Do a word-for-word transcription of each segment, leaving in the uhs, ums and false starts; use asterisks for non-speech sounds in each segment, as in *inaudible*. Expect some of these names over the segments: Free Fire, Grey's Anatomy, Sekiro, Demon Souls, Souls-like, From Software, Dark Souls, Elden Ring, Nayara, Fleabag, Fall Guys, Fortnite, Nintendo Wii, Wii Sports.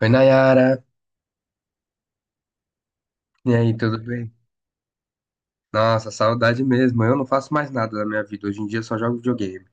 Oi, Nayara. E aí, tudo bem? Nossa, saudade mesmo. Eu não faço mais nada da minha vida. Hoje em dia eu só jogo videogame.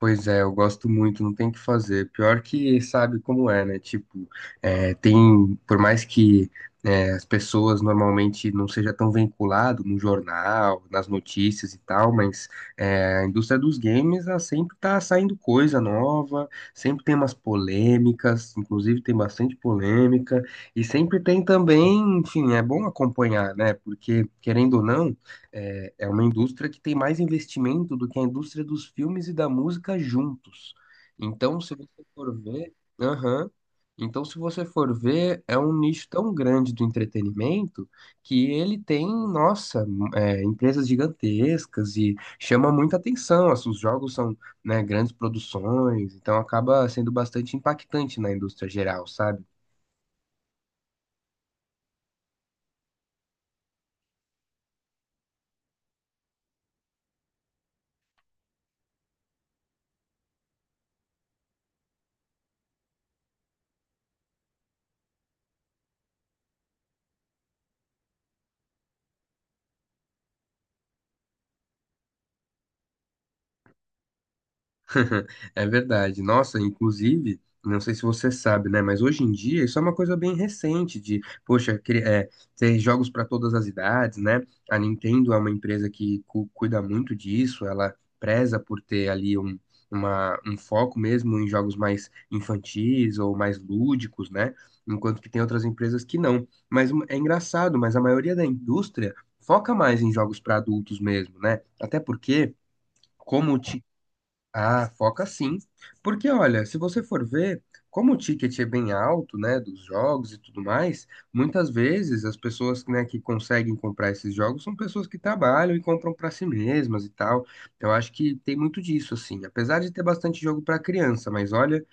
Pois é, eu gosto muito, não tem o que fazer. Pior que sabe como é, né? Tipo, é, tem, por mais que é, as pessoas normalmente não seja tão vinculado no jornal, nas notícias e tal, mas é, a indústria dos games, ela sempre tá saindo coisa nova, sempre tem umas polêmicas, inclusive tem bastante polêmica, e sempre tem também, enfim, é bom acompanhar, né? Porque, querendo ou não, é, é uma indústria que tem mais investimento do que a indústria dos filmes e da música juntos. Então, se você for ver, aham. Então, se você for ver, é um nicho tão grande do entretenimento que ele tem, nossa, é, empresas gigantescas e chama muita atenção. Assim, os jogos são, né, grandes produções, então acaba sendo bastante impactante na indústria geral, sabe? *laughs* É verdade. Nossa, inclusive, não sei se você sabe, né? Mas hoje em dia isso é uma coisa bem recente de, poxa, cri- é, ter jogos para todas as idades, né? A Nintendo é uma empresa que cu- cuida muito disso, ela preza por ter ali um, uma- um foco mesmo em jogos mais infantis ou mais lúdicos, né? Enquanto que tem outras empresas que não. Mas hum, é engraçado, mas a maioria da indústria foca mais em jogos para adultos mesmo, né? Até porque como, ti- ah, foca sim. Porque, olha, se você for ver, como o ticket é bem alto, né, dos jogos e tudo mais, muitas vezes as pessoas, né, que conseguem comprar esses jogos são pessoas que trabalham e compram para si mesmas e tal. Então, eu acho que tem muito disso, assim. Apesar de ter bastante jogo para criança, mas olha,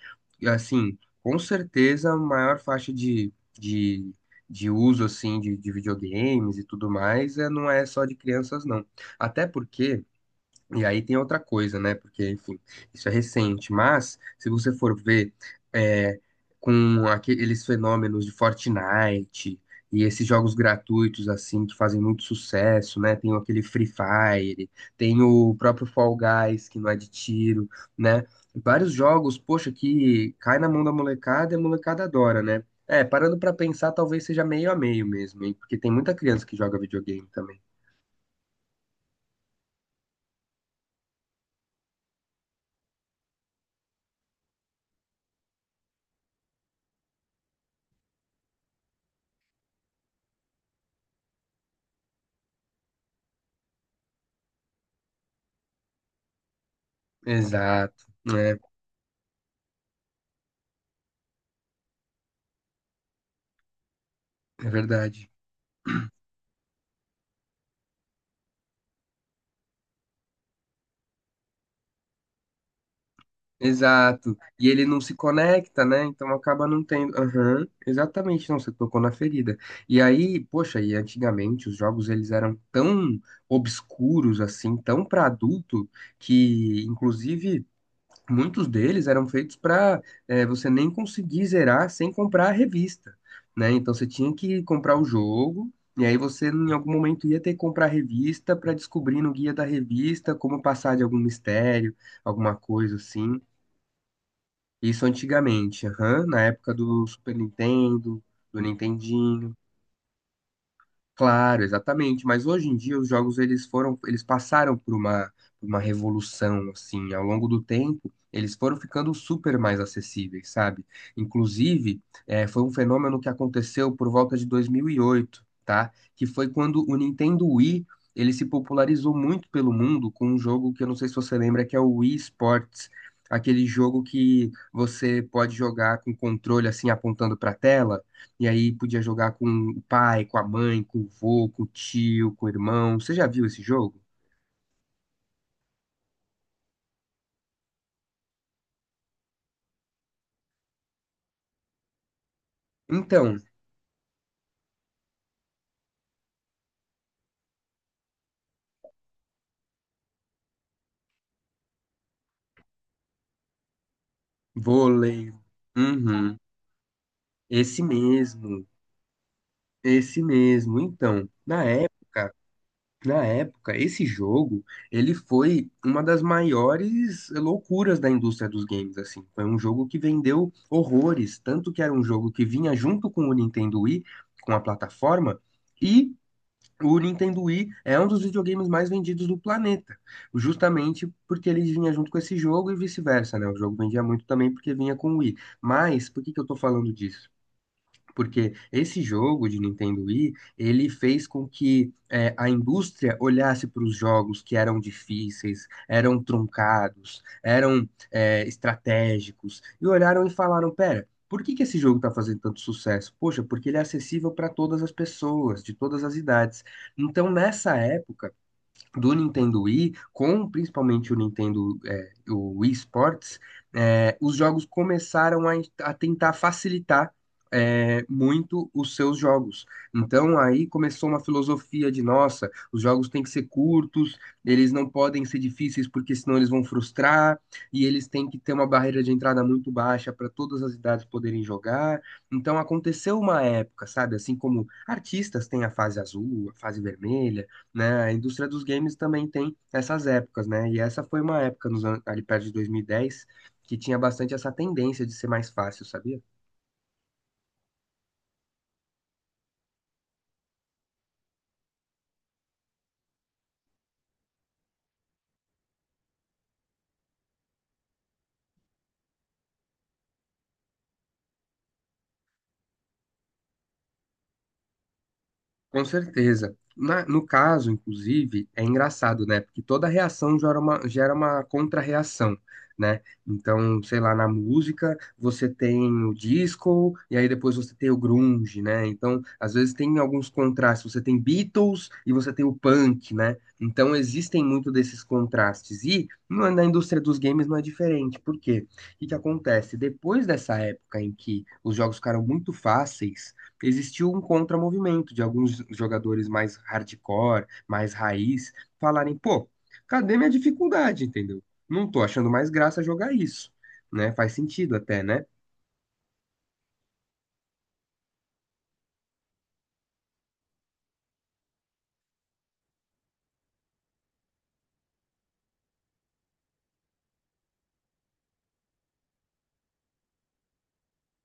assim, com certeza a maior faixa de, de, de uso, assim, de, de videogames e tudo mais, é, não é só de crianças, não. Até porque. E aí tem outra coisa, né? Porque, enfim, isso é recente. Mas, se você for ver é, com aqueles fenômenos de Fortnite e esses jogos gratuitos, assim, que fazem muito sucesso, né? Tem aquele Free Fire, tem o próprio Fall Guys, que não é de tiro, né? Vários jogos, poxa, que cai na mão da molecada e a molecada adora, né? É, parando pra pensar, talvez seja meio a meio mesmo, hein? Porque tem muita criança que joga videogame também. Exato, né? É verdade. Exato. E ele não se conecta, né? Então acaba não tendo. Aham, exatamente. Não, você tocou na ferida. E aí, poxa, e antigamente os jogos eles eram tão obscuros assim, tão para adulto, que inclusive muitos deles eram feitos para você nem conseguir zerar sem comprar a revista, né? Então você tinha que comprar o jogo. E aí você em algum momento ia ter que comprar a revista para descobrir no guia da revista como passar de algum mistério, alguma coisa assim. Isso antigamente, aham, na época do Super Nintendo, do Nintendinho. Claro, exatamente. Mas hoje em dia os jogos eles foram, eles passaram por uma, por uma revolução assim. Ao longo do tempo, eles foram ficando super mais acessíveis, sabe? Inclusive, eh, foi um fenômeno que aconteceu por volta de dois mil e oito, tá? Que foi quando o Nintendo Wii ele se popularizou muito pelo mundo com um jogo que eu não sei se você lembra, que é o Wii Sports, aquele jogo que você pode jogar com controle assim apontando para a tela. E aí podia jogar com o pai, com a mãe, com o vô, com o tio, com o irmão. Você já viu esse jogo? Então, vôlei. Uhum. Esse mesmo. Esse mesmo. Então, na época, na época, esse jogo, ele foi uma das maiores loucuras da indústria dos games, assim. Foi um jogo que vendeu horrores, tanto que era um jogo que vinha junto com o Nintendo Wii, com a plataforma, e o Nintendo Wii é um dos videogames mais vendidos do planeta, justamente porque ele vinha junto com esse jogo e vice-versa, né? O jogo vendia muito também porque vinha com o Wii. Mas, por que que eu tô falando disso? Porque esse jogo de Nintendo Wii, ele fez com que é, a indústria olhasse para os jogos que eram difíceis, eram truncados, eram é, estratégicos, e olharam e falaram, pera, por que que esse jogo está fazendo tanto sucesso? Poxa, porque ele é acessível para todas as pessoas, de todas as idades. Então, nessa época, do Nintendo Wii, com principalmente o Nintendo, é, o Wii Sports, é, os jogos começaram a, a tentar facilitar é, muito os seus jogos. Então aí começou uma filosofia de, nossa, os jogos têm que ser curtos, eles não podem ser difíceis porque senão eles vão frustrar, e eles têm que ter uma barreira de entrada muito baixa para todas as idades poderem jogar. Então aconteceu uma época, sabe? Assim como artistas têm a fase azul, a fase vermelha, né? A indústria dos games também tem essas épocas, né? E essa foi uma época nos an- ali perto de dois mil e dez que tinha bastante essa tendência de ser mais fácil, sabia? Com certeza. Na- no caso, inclusive, é engraçado, né? Porque toda reação gera uma, gera uma contra-reação, né? Então, sei lá, na música você tem o disco e aí depois você tem o grunge, né? Então, às vezes tem alguns contrastes. Você tem Beatles e você tem o punk, né? Então, existem muito desses contrastes. E no- na indústria dos games não é diferente. Por quê? O que que acontece? Depois dessa época em que os jogos ficaram muito fáceis existiu um contramovimento de alguns jogadores mais hardcore, mais raiz, falarem, pô, cadê minha dificuldade, entendeu? Não tô achando mais graça jogar isso, né? Faz sentido até, né?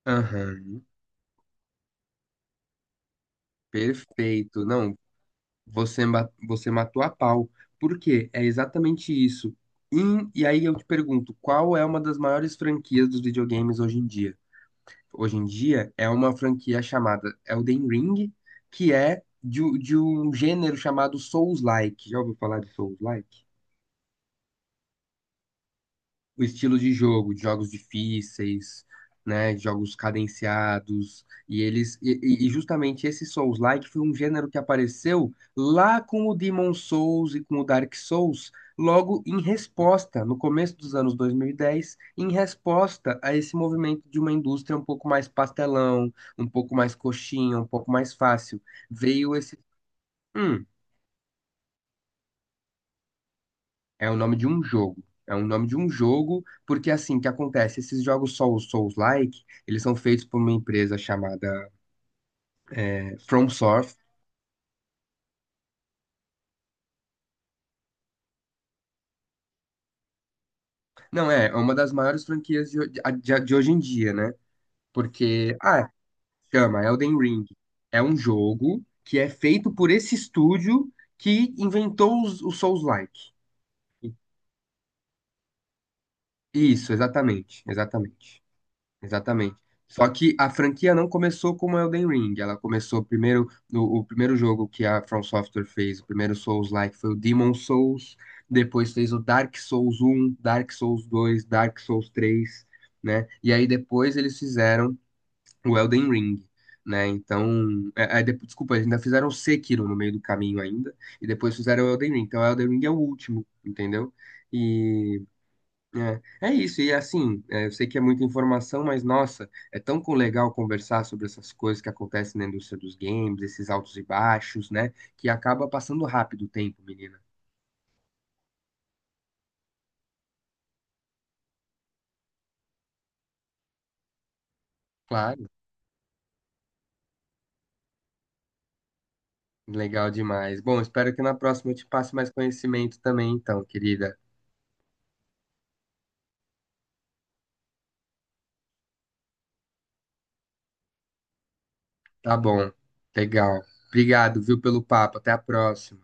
Aham, perfeito. Não, você, ma- você matou a pau. Por quê? É exatamente isso. Em- e aí eu te pergunto, qual é uma das maiores franquias dos videogames hoje em dia? Hoje em dia é uma franquia chamada Elden Ring, que é de, de um gênero chamado Souls-like. Já ouviu falar de Souls-like? O estilo de jogo, de jogos difíceis, né, de jogos cadenciados, e eles e, e- e justamente esse Souls-like foi um gênero que apareceu lá com o Demon Souls e com o Dark Souls, logo em resposta, no começo dos anos dois mil e dez, em resposta a esse movimento de uma indústria um pouco mais pastelão, um pouco mais coxinha, um pouco mais fácil. Veio esse Hum. É o nome de um jogo. É o nome de um jogo, porque assim, o que acontece? Esses jogos Souls, Souls-like, eles são feitos por uma empresa chamada é, From Software. Não, é, é uma das maiores franquias de, ho- de, de- de hoje em dia, né? Porque, ah, chama Elden Ring. É um jogo que é feito por esse estúdio que inventou os, os Souls-like. Isso, exatamente, exatamente. Exatamente. Só que a franquia não começou como Elden Ring, ela começou primeiro no o primeiro jogo que a From Software fez, o primeiro Souls-like foi o Demon Souls, depois fez o Dark Souls um, Dark Souls dois, Dark Souls três, né? E aí depois eles fizeram o Elden Ring, né? Então, é, é, de- desculpa, eles ainda fizeram o Sekiro no meio do caminho ainda, e depois fizeram o Elden Ring. Então, o Elden Ring é o último, entendeu? É, é isso, e assim, é, eu sei que é muita informação, mas nossa, é tão com- legal conversar sobre essas coisas que acontecem na indústria dos games, esses altos e baixos, né? Que acaba passando rápido o tempo, menina. Claro, legal demais. Bom, espero que na próxima eu te passe mais conhecimento também, então, querida. Tá bom, legal. Obrigado, viu, pelo papo. Até a próxima.